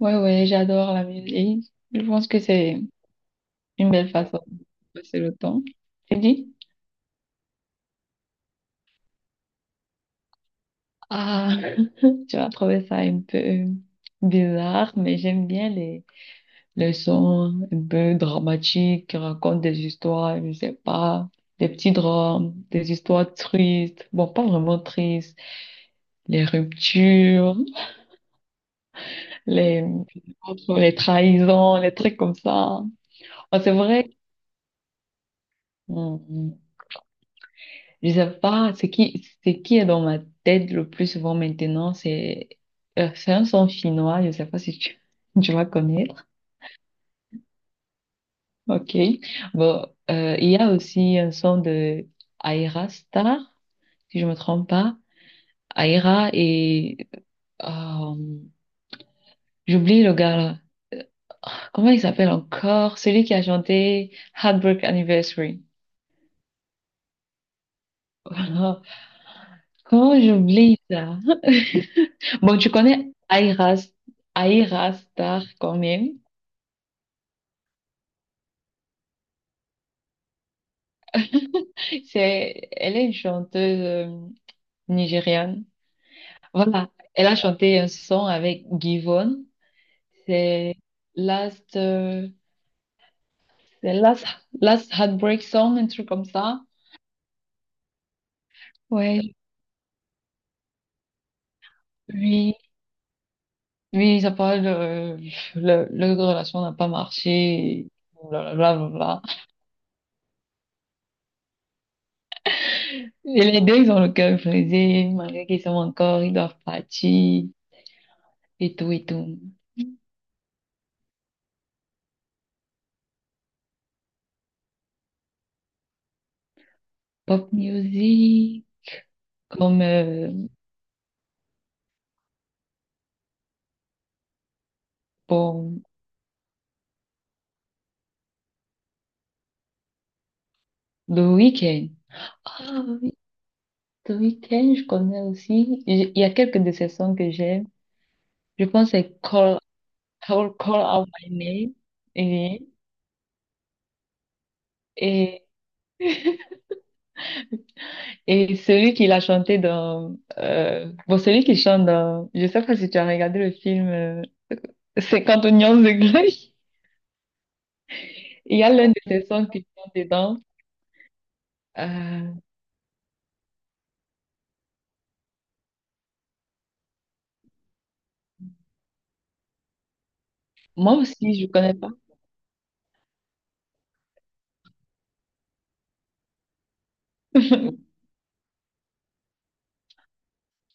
Ouais, ouais, j'adore la musique. Je pense que c'est une belle façon de passer le temps. Tu dis? Ah, tu vas trouver ça un peu bizarre, mais j'aime bien les sons un peu dramatiques qui racontent des histoires, je sais pas, des petits drames, des histoires tristes, bon, pas vraiment tristes, les ruptures, les, les trahisons, les trucs comme ça. Ah, c'est vrai. Mm, mm. Je sais pas, ce qui est dans ma tête le plus souvent maintenant, c'est un son finnois, je sais pas si tu, tu vas connaître. Ok. Bon, il y a aussi un son de Aira Star, si je me trompe pas. Aira et euh, j'oublie le gars là. Euh, Comment il s'appelle encore? Celui qui a chanté Heartbreak Anniversary. Voilà. Comment j'oublie ça? Bon, tu connais Aira, Aira Star quand même. C'est, elle est une chanteuse nigériane. Voilà, elle a chanté un son avec Givon. C'est Last, euh, c'est Last, Last Heartbreak Song, un truc comme ça. Ouais, oui, oui, ça parle, leur relation n'a pas marché. Blablabla, blablabla. Et les deux, ils ont le cœur brisé, malgré qu'ils sont encore, ils doivent partir, et tout, et tout. Pop music, comme, pour The Weeknd. Ah oui, The Weeknd, je connais aussi. Il y a quelques de ses sons que j'aime. Je pense que c'est Call Out My Name. Oui. Et, et celui qui l'a chanté dans... bon, celui qui chante dans... Je sais pas si tu as regardé le film 50 Oignons de Grey. Il y a l'un de ses sons qui chante dedans. Euh, moi aussi, je connais pas.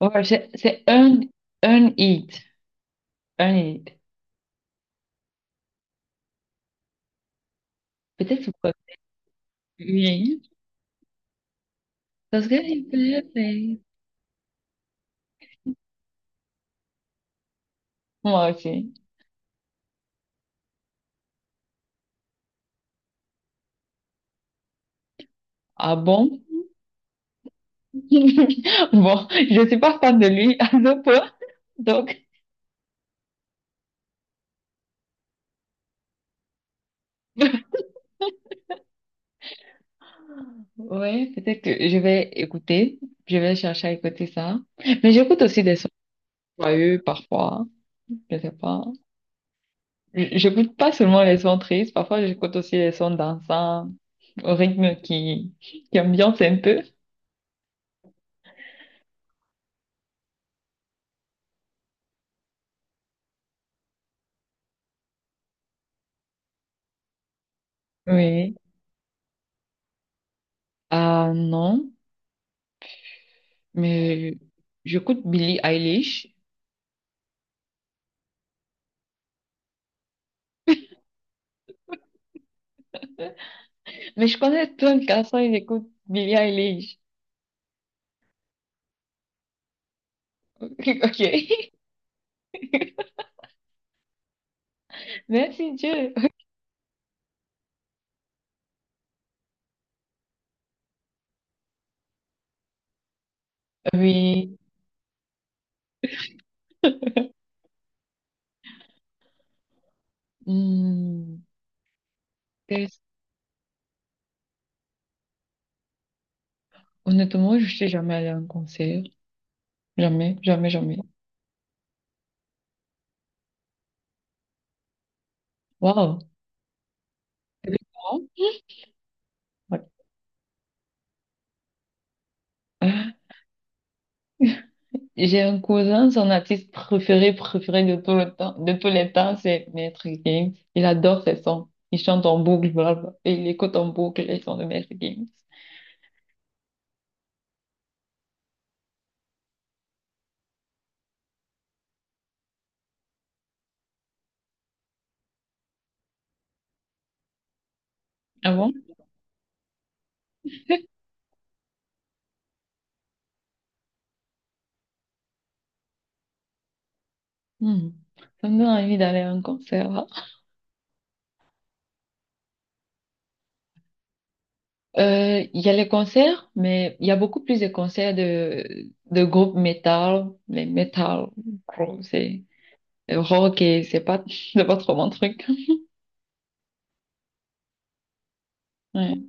Ouais, c'est un hit. Un hit. Peut-être que vous connaissez. Oui. Parce que moi aussi. Ah bon? Bon, je suis pas fan de lui à ce point. Donc, ouais, peut-être que je vais écouter. Je vais chercher à écouter ça. Mais j'écoute aussi des sons joyeux parfois. Je sais pas. J- J'écoute pas seulement les sons tristes. Parfois, j'écoute aussi les sons dansants au rythme qui ambiance un peu. Oui. Ah non. Mais j'écoute Billie Eilish. Mais je connais plein de garçons, ils écoutent Billie Eilish. Ok. Merci Dieu. Oui. Hmm, qu'est-ce- honnêtement, je suis jamais allée à un concert. Jamais, jamais, jamais. Waouh. C'est différent. Ouais. Ah, j'ai un cousin, son artiste préféré, préféré de tout le temps, de tous les temps, c'est Maître Games. Il adore ses sons. Il chante en boucle, blablabla, et il écoute en boucle les sons de Maître Games. Ah bon? Hmm. Ça me donne envie d'aller à un concert, hein. Il y a les concerts, mais il y a beaucoup plus de concerts de groupes metal, mais metal, gros, c'est rock et c'est pas, c'est pas trop mon truc. Ouais.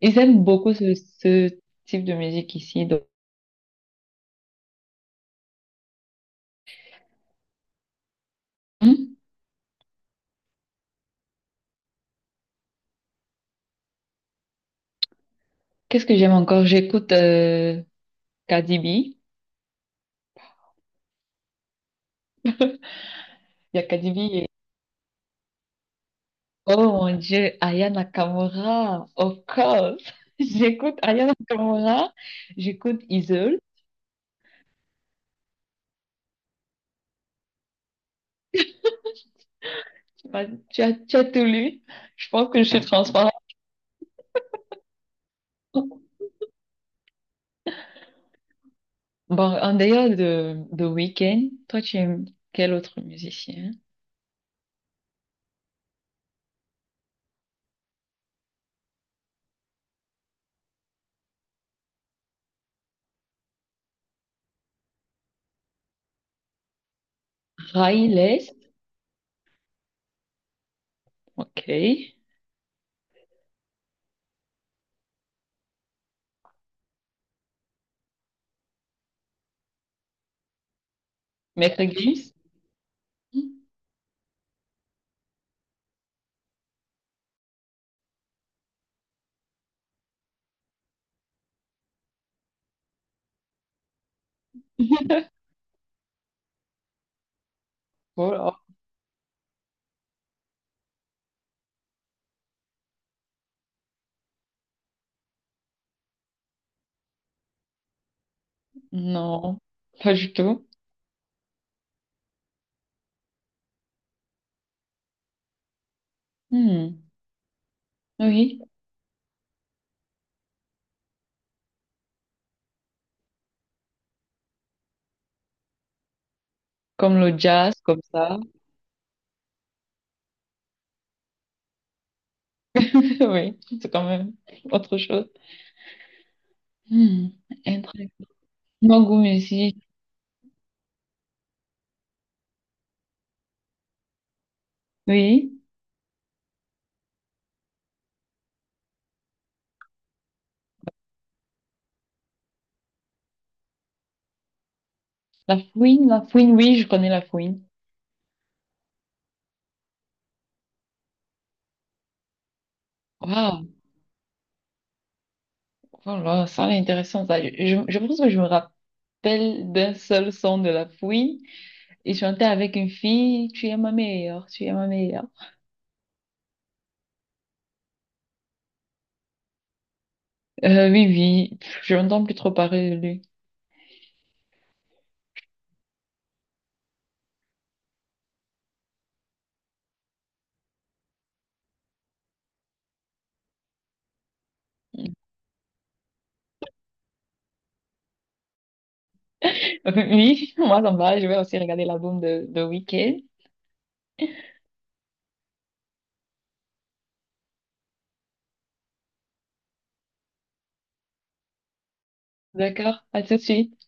Ils aiment beaucoup ce type de musique ici, donc. Hmm. Qu'est-ce que j'aime encore? J'écoute Cardi B. Il y a Cardi B et... Oh mon Dieu, Aya Nakamura, of course. J'écoute Aya Nakamura, j'écoute Isole. Tu as tout lu. Je pense que je suis transparente. Bon, en dehors de Weeknd, toi, tu aimes quel autre musicien? Ray Lest, ok. Maître Gims? Voilà. Non, pas du tout. Hmm. Oui, comme le jazz, comme ça. Oui, c'est quand même autre chose. Hmm, un truc. Mon goût musique, oui. La fouine, oui, je connais la fouine. Waouh, voilà, ça c'est intéressant, ça. Je pense que je me rappelle d'un seul son de la fouine. Et chanter avec une fille, tu es ma meilleure, tu es ma meilleure. Oui, oui, pff, je n'entends plus trop parler de lui. Oui, moi ça me va, je vais aussi regarder l'album de Weeknd. D'accord, à tout de suite.